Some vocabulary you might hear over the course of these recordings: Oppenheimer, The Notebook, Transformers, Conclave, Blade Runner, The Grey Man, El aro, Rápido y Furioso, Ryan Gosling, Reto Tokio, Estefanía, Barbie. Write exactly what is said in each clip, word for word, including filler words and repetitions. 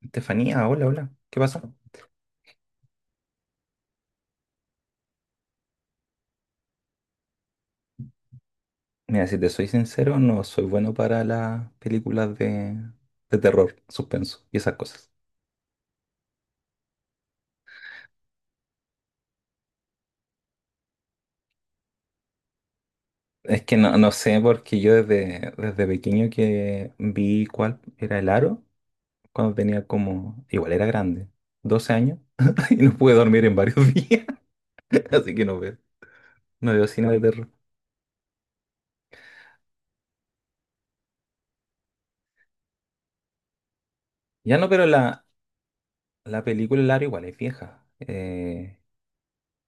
Estefanía, hola, hola. ¿Qué pasa? Mira, si te soy sincero, no soy bueno para las películas de, de terror, suspenso y esas cosas. Es que no, no sé, porque yo desde, desde pequeño que vi cuál era el aro, cuando tenía como, igual era grande, doce años, y no pude dormir en varios días, así que no veo, no veo cine de terror. Ya no, pero la, la película El aro igual es vieja. eh,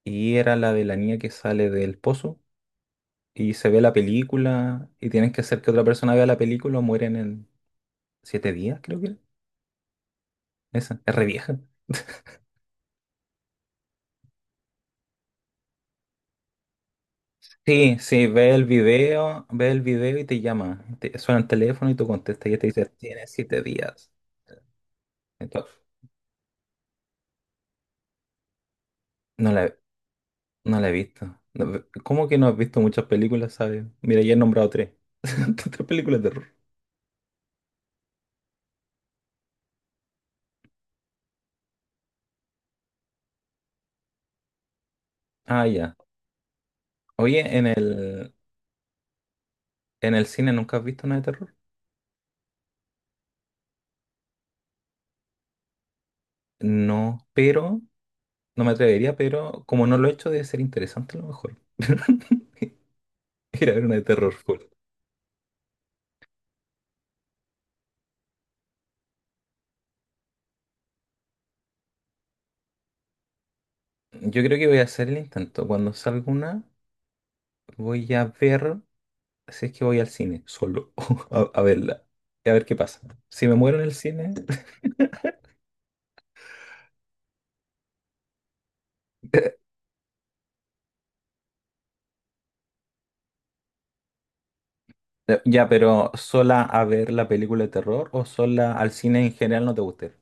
Y era la de la niña que sale del pozo. Y se ve la película y tienes que hacer que otra persona vea la película o mueren en siete días, creo que era. Esa, es re vieja. Sí, sí, ve el video, ve el video y te llama. Te, suena el teléfono y tú contestas y te dice, tienes siete días. Entonces, no la, no la he visto. No, ve- ¿cómo que no has visto muchas películas, sabes? Mira, ya he nombrado tres. Tres películas de terror. Ah, ya. Oye, en el, en el cine nunca has visto una de terror. No, pero no me atrevería, pero como no lo he hecho, debe ser interesante a lo mejor. Ir a ver una de terror full. Yo creo que voy a hacer el intento. Cuando salga una, voy a ver si es que voy al cine solo a, a verla. Y a ver qué pasa. Si me muero en el cine. Ya, pero sola a ver la película de terror o sola al cine en general no te gusta ir.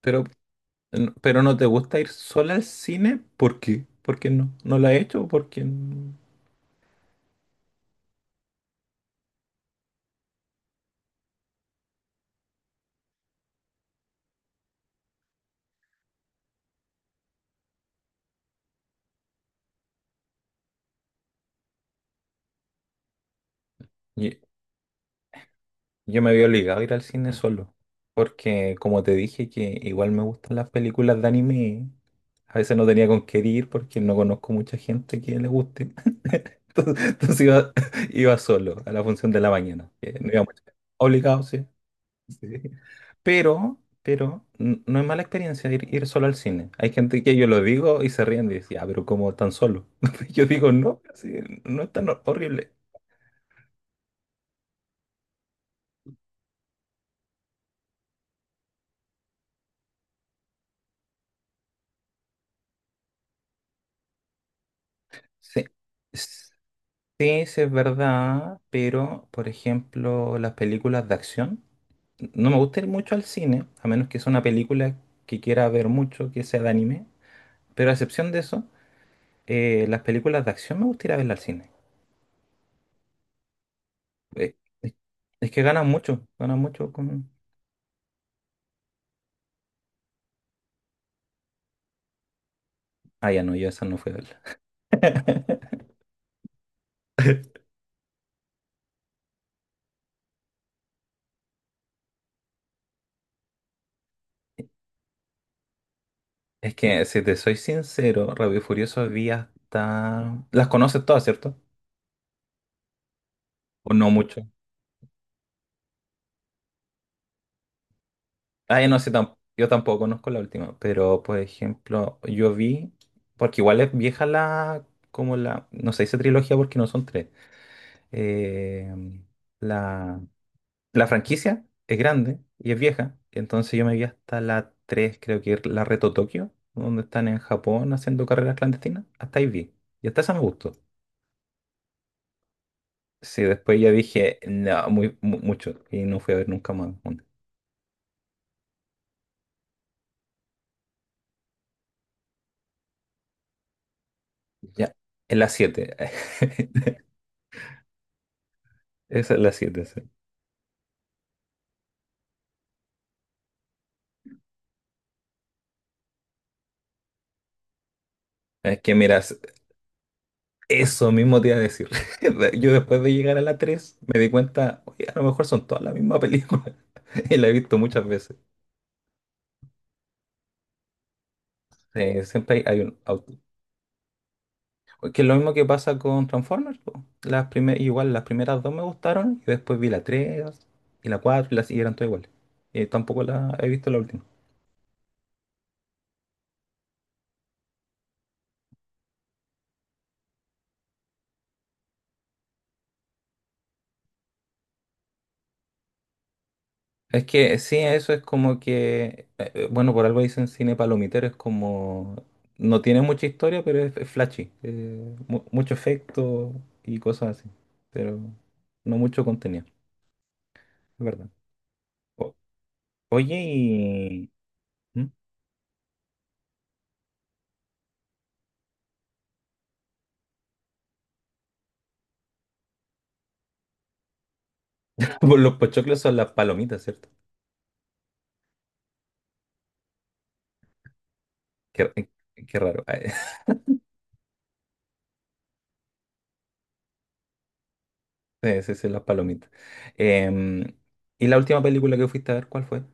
Pero, pero no te gusta ir sola al cine, ¿por qué? ¿Por qué no? ¿No la he hecho? ¿Por qué no? Yo me había obligado a ir al cine solo, porque como te dije que igual me gustan las películas de anime, a veces no tenía con qué ir porque no conozco mucha gente que le guste. Entonces, entonces iba, iba solo a la función de la mañana. Que no iba mucha gente. Obligado, sí. Sí. Pero, pero n- no es mala experiencia ir, ir solo al cine. Hay gente que yo lo digo y se ríen y dicen, ah, pero ¿cómo tan solo? Yo digo, no, sí, no es tan horrible. Sí. Sí, sí es verdad, pero por ejemplo, las películas de acción, no me gusta ir mucho al cine, a menos que sea una película que quiera ver mucho, que sea de anime, pero a excepción de eso, eh, las películas de acción me gusta ir a verlas al cine. Eh, es es que ganan mucho, ganan mucho con... Ah, ya no, yo esa no fui a verla. Es que, si te soy sincero, Rápido y Furioso vi hasta... Las conoces todas, ¿cierto? O no mucho. Ah, yo no sé, tam- yo tampoco conozco la última, pero por ejemplo, yo vi, porque igual es vieja la, como la, no se dice trilogía porque no son tres. Eh, la, la franquicia es grande y es vieja, entonces yo me vi hasta la tres, creo que es la Reto Tokio, donde están en Japón haciendo carreras clandestinas, hasta ahí vi, y hasta esa me gustó. Sí, después ya dije, no, muy, mu- mucho, y no fui a ver nunca más. Una. Ya, en la siete. Esa es la siete, sí. Es que mira, eso mismo te iba a decir. Yo después de llegar a la tres me di cuenta, oye, a lo mejor son todas la misma película. Y la he visto muchas veces. Eh, siempre hay, hay un auto. Que es lo mismo que pasa con Transformers, po. Las primer- igual las primeras dos me gustaron y después vi la tres y la cuatro y las y eran todas iguales. Y tampoco la he visto la última. Es que sí, eso es como que, eh, eh, bueno, por algo dicen cine palomitero, es como, no tiene mucha historia, pero es, es flashy, eh, mu- mucho efecto y cosas así, pero no mucho contenido, es verdad. O- Oye, y ¿Mm? Pues los pochoclos son las palomitas, ¿cierto? Qué, eh, qué raro. Sí, sí, sí, las palomitas. Em, ¿Y la última película que fuiste a ver, cuál fue?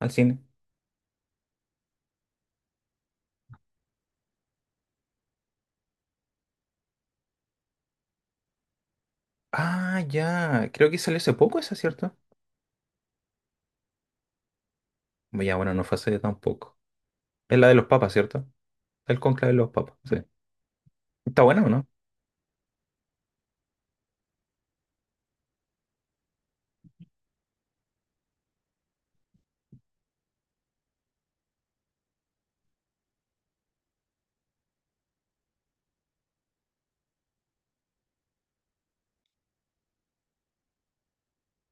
¿Al cine? Ah, ya, creo que salió hace poco esa, ¿cierto? Ya, bueno, no fue hace tampoco. Es la de los papas, ¿cierto? El conclave de los papas, sí. ¿Está buena o no?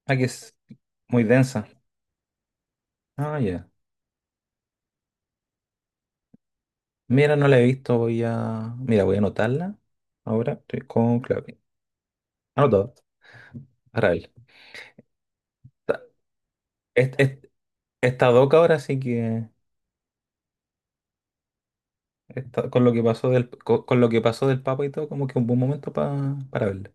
Aquí es muy densa. Ah, ya. Mira, no la he visto, voy a... Mira, voy a anotarla. Ahora, sí, conclave. Anotado. Para él. Está, es- es- está doca ahora, así que... está- Con lo que pasó del, co- con, lo que pasó del papa y todo, como que un buen momento pa- para verla.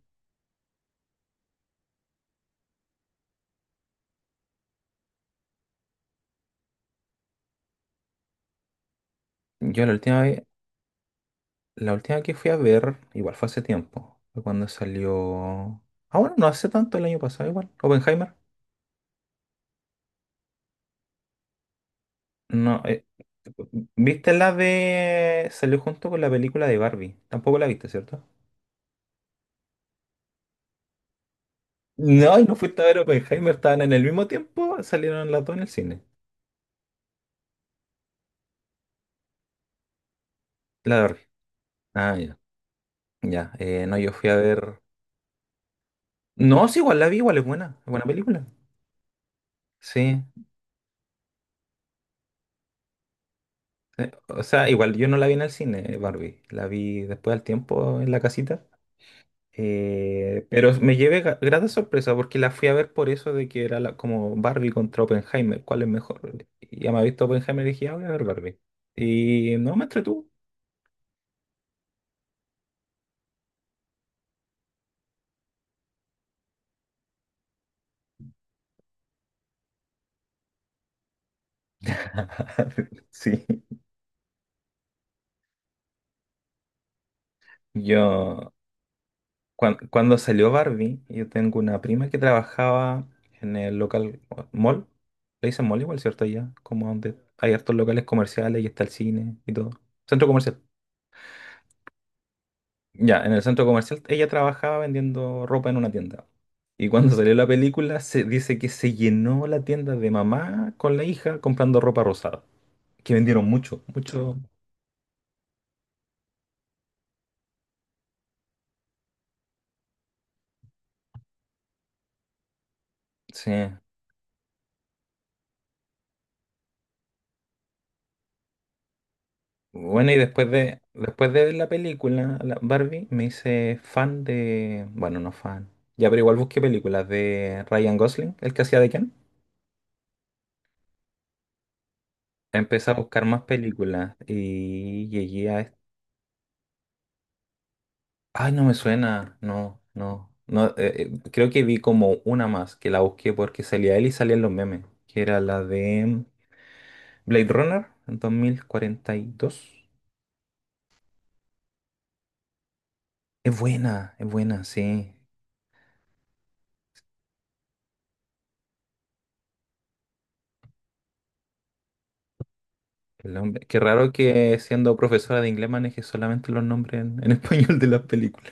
Yo la última vez, la última que fui a ver, igual fue hace tiempo. Fue cuando salió... Ah, bueno, no hace tanto el año pasado, igual. Oppenheimer. No, ¿viste la de... Salió junto con la película de Barbie. Tampoco la viste, ¿cierto? No, y no fuiste a ver Oppenheimer. Estaban en el mismo tiempo. Salieron las dos en el cine. La de Barbie. Ah, ya. Ya. Eh, no, yo fui a ver... No, sí, igual la vi. Igual es buena. Es buena película. Sí. eh, O sea, igual yo no la vi en el cine, eh, Barbie. La vi después al tiempo en la casita. Eh, pero me llevé gra- grata sorpresa porque la fui a ver por eso de que era la- como Barbie contra Oppenheimer, ¿cuál es mejor? Y ya me había visto Oppenheimer y dije, "Ah, voy a ver Barbie. Y no me entretuvo. Sí. Yo, cuan- cuando salió Barbie, yo tengo una prima que trabajaba en el local mall. Le dicen mall igual, ¿cierto? Allá, como donde hay hartos locales comerciales y está el cine y todo. Centro comercial. Ya, en el centro comercial ella trabajaba vendiendo ropa en una tienda. Y cuando salió la película, se dice que se llenó la tienda de mamá con la hija comprando ropa rosada. Que vendieron mucho, mucho. Sí. Bueno, y después de, después de ver la película, la Barbie, me hice fan de. Bueno, no fan. Ya, pero igual busqué películas de Ryan Gosling, el que hacía de Ken. Empecé a buscar más películas y llegué a, Ay, no me suena. No, no. No, eh, eh, creo que vi como una más que la busqué porque salía él y salían los memes. Que era la de Blade Runner en dos mil cuarenta y dos. Es buena, es buena, sí. El hombre- Qué raro que siendo profesora de inglés maneje solamente los nombres en, en español de las películas.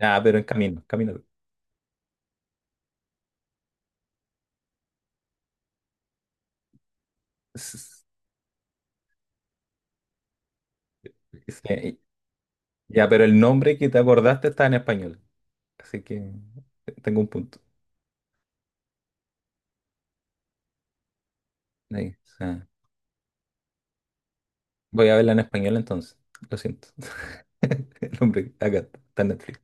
Ah, pero en camino, camino. S- s- sí. Ya, pero el nombre que te acordaste está en español. Así que eh, tengo un punto. Ahí, sí. Voy a verla en español entonces. Lo siento. El hombre acá está está en Netflix.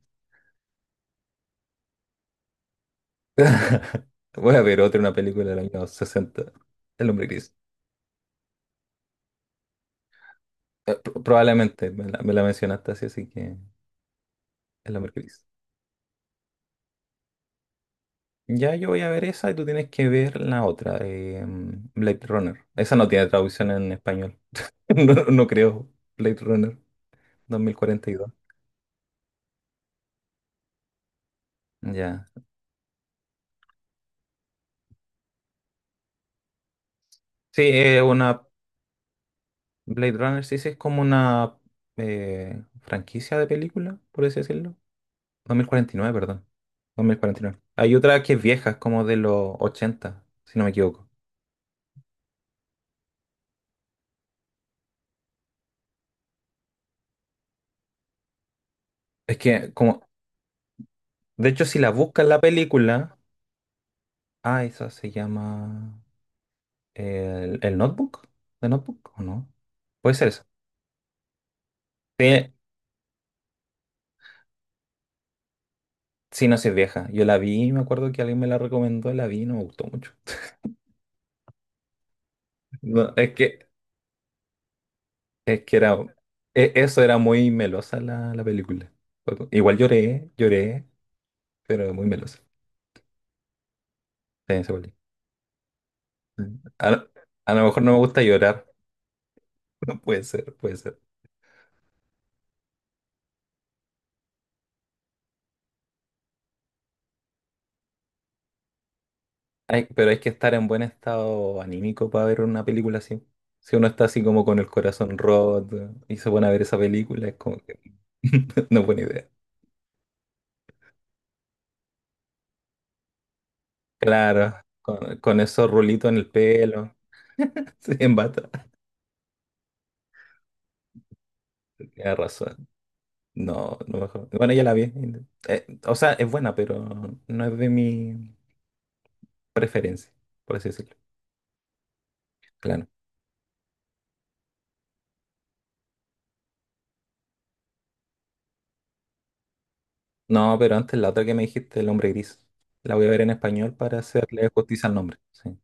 Voy a ver otra, una película de los años sesenta. El hombre gris. Eh, pro- probablemente me la, me la mencionaste así, así que el hombre gris. Ya yo voy a ver esa y tú tienes que ver la otra, eh, mm, Blade Runner. Esa no tiene traducción en español. No, no creo. Blade Runner dos mil cuarenta y dos. Ya. Sí, es una Blade Runner, sí, sí, es como una eh, franquicia de película, por así decirlo. Dos mil cuarenta y nueve perdón. Dos mil cuarenta y nueve. Hay otra que es vieja, es como de los ochenta si no me equivoco. Es que, como, de hecho, si la buscas la película, ah, esa se llama el, el Notebook, ¿The Notebook o no? Puede ser esa. Sí, sí, no sé, es vieja. Yo la vi, me acuerdo que alguien me la recomendó, la vi, y no me gustó mucho. No, es que, es que era, e- eso era muy melosa la, la película. Igual lloré, lloré, pero muy melosa. Sí, se volvió. A, lo a lo mejor no me gusta llorar. No puede ser, puede ser. Hay- pero hay que estar en buen estado anímico para ver una película así. Si uno está así como con el corazón roto y se pone a ver esa película, es como que no es buena idea. Claro, con, con esos rulitos en el pelo, sí, en bata. Tienes razón. No, no mejor. Bueno, ya la vi. Eh, o sea, es buena, pero no es de mi preferencia, por así decirlo. Claro. No, pero antes la otra que me dijiste, El hombre gris. La voy a ver en español para hacerle justicia al nombre, sí.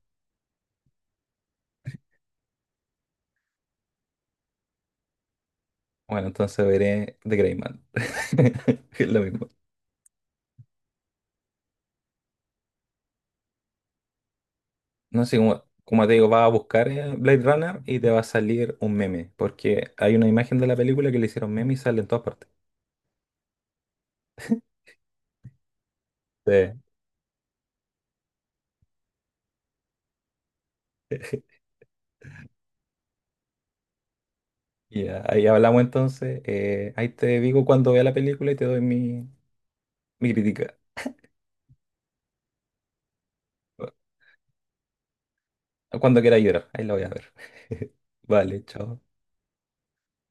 Bueno, entonces veré The Grey Man. Es lo mismo. No sé, como, como te digo, vas a buscar eh, Blade Runner y te va a salir un meme. Porque hay una imagen de la película que le hicieron meme y sale en todas partes. Sí, y a- ahí hablamos entonces. Eh, ahí te digo cuando vea la película y te doy mi, mi crítica. Cuando quiera llorar, ahí la voy a ver. Vale, chao.